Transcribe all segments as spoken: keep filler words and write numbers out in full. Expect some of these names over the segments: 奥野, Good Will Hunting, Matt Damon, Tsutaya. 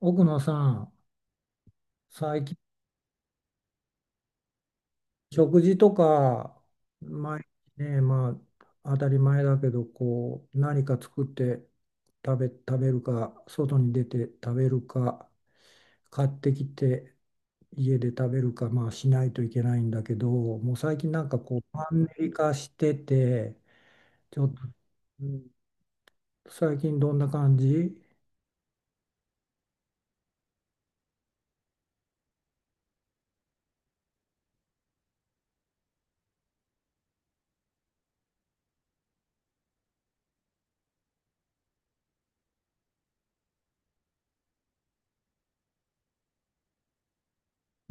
奥野さん、最近食事とか、毎日ね、まあ当たり前だけど、こう何か作って食べ、食べるか、外に出て食べるか、買ってきて家で食べるか、まあしないといけないんだけど、もう最近なんかこうマンネリ化してて、ちょっと、うん最近どんな感じ？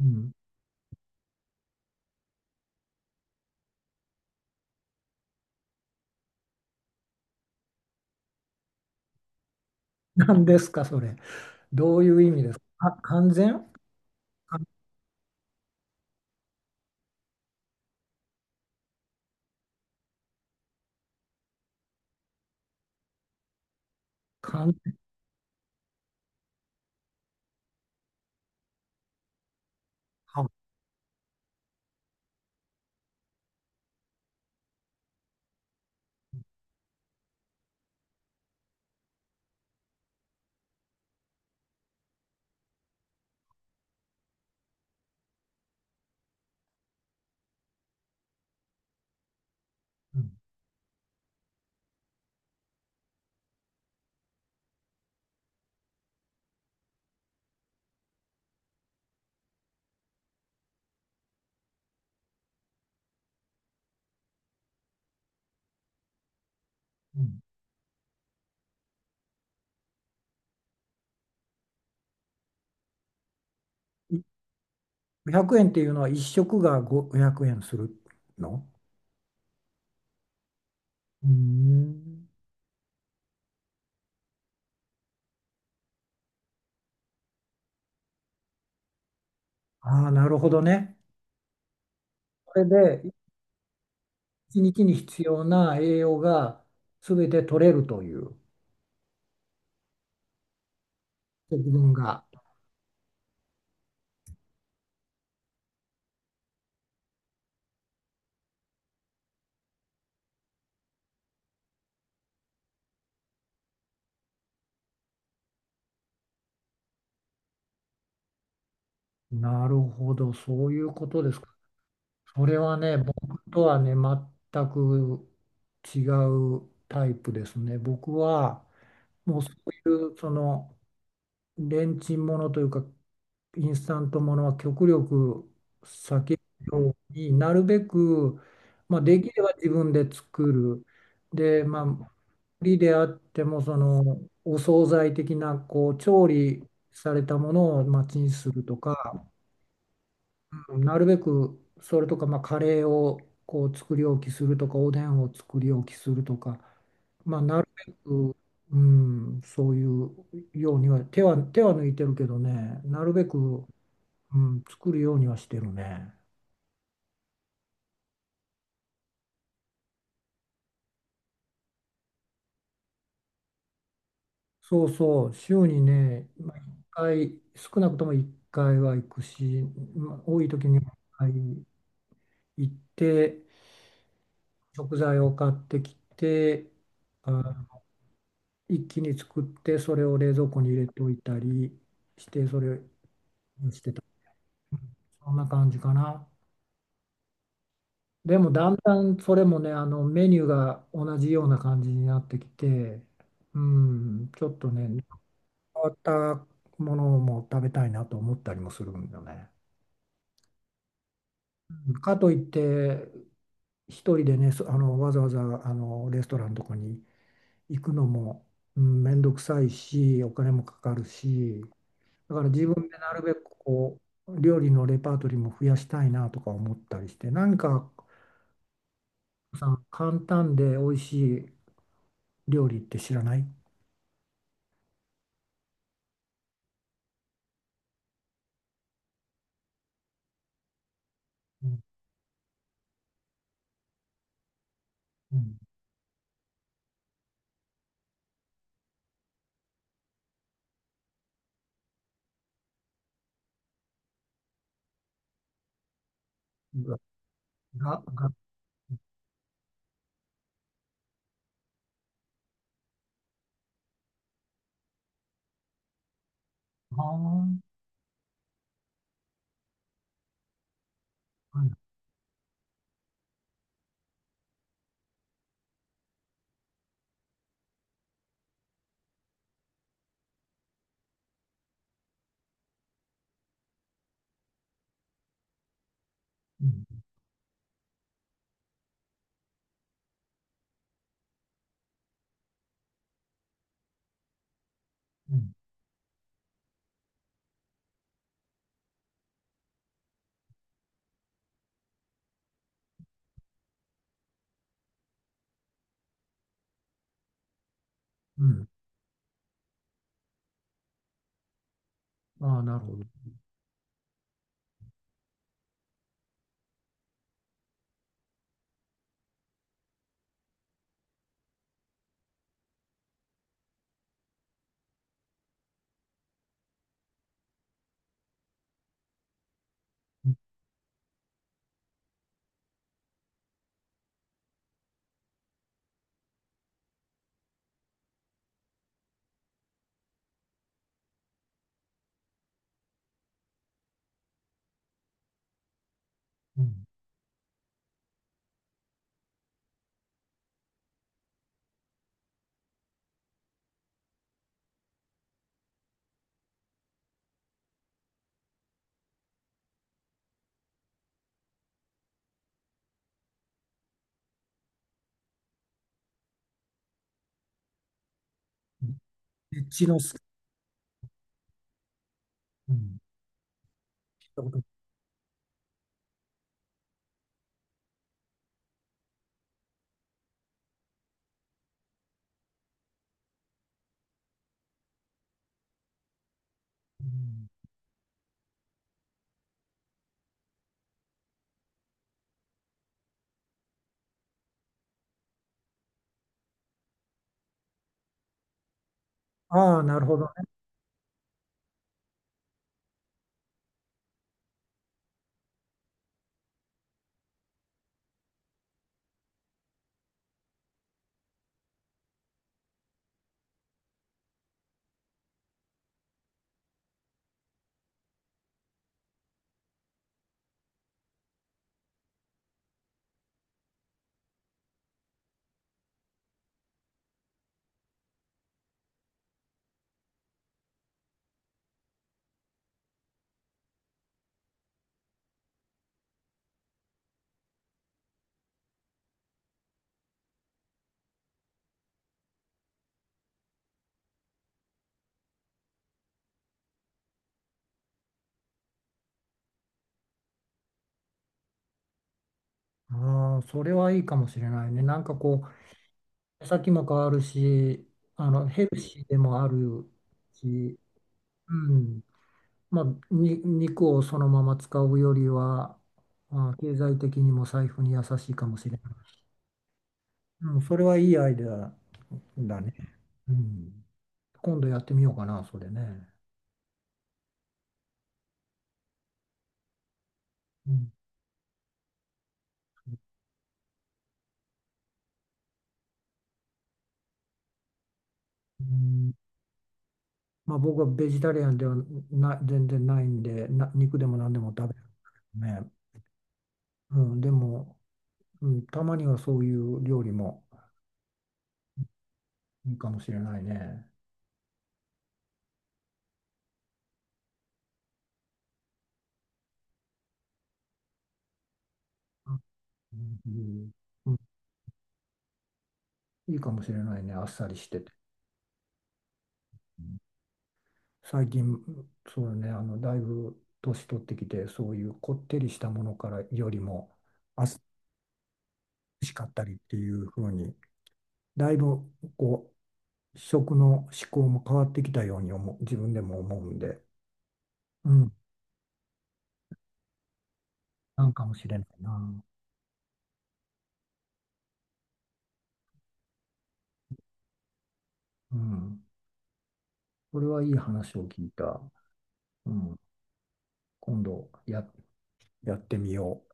うん。何ですか、それ。どういう意味ですか。あ、完全完完全。あ、うん、うん、ごひゃくえんっていうのは一食がごひゃくえんするの？うーん。ああ、なるほどね。それで、一日に必要な栄養が全て取れるという、節分が。なるほど、そういうことですか。それはね、僕とはね、全く違うタイプですね。僕は、もうそういう、その、レンチンものというか、インスタントものは極力避けるように、なるべく、まあ、できれば自分で作る。で、まあ、売りであっても、その、お惣菜的な、こう、調理されたものを、まあ、チンするとか、なるべくそれとか、まあ、カレーをこう作り置きするとかおでんを作り置きするとか、まあ、なるべく、うん、そういうようには手は、手は抜いてるけどね、なるべく、うん、作るようにはしてるね。そうそう、週にね、まあ、回少なくともいっかいは行くし、まあ、多い時にはいっかい行って食材を買ってきて、あ一気に作ってそれを冷蔵庫に入れといたりして、それにしてた、そんな感じかな。でもだんだんそれもね、あのメニューが同じような感じになってきて、うん、ちょっとね、変わったものも食べたいなと思ったりもするんだよね。かといって一人でね、そあの、わざわざあのレストランとかに行くのも、うん、めんどくさいしお金もかかるし、だから自分でなるべくこう、料理のレパートリーも増やしたいなとか思ったりして、何かさん、簡単で美味しい料理って知らない？うん、うん、が、が、が、ああ、はい、うん、うん、うん、ああ、なるほど。うん、うん、エッチのす、うん、聞いたこと、うん、ああ、なるほどね。ああ、それはいいかもしれないね。なんかこう、先も変わるし、あの、ヘルシーでもあるし、うん、まあ、に肉をそのまま使うよりは、まあ、経済的にも財布に優しいかもしれない。うん、それはいいアイデアだね。うん、今度やってみようかな、それね。うん、うん、まあ、僕はベジタリアンではな、全然ないんで、な、肉でも何でも食べるね。うん、でも、うん、たまにはそういう料理もいいかもしれないね。うん、うん、いいかもしれないね、あっさりしてて。うん、最近、そうだね、あの、だいぶ年取ってきて、そういうこってりしたものからよりも、あっさりしかったりっていう風に、だいぶこう、食の思考も変わってきたように思う、自分でも思うんで、うん、なんかもしれないな。うん、これはいい話を聞いた。うん、今度や、やってみよう。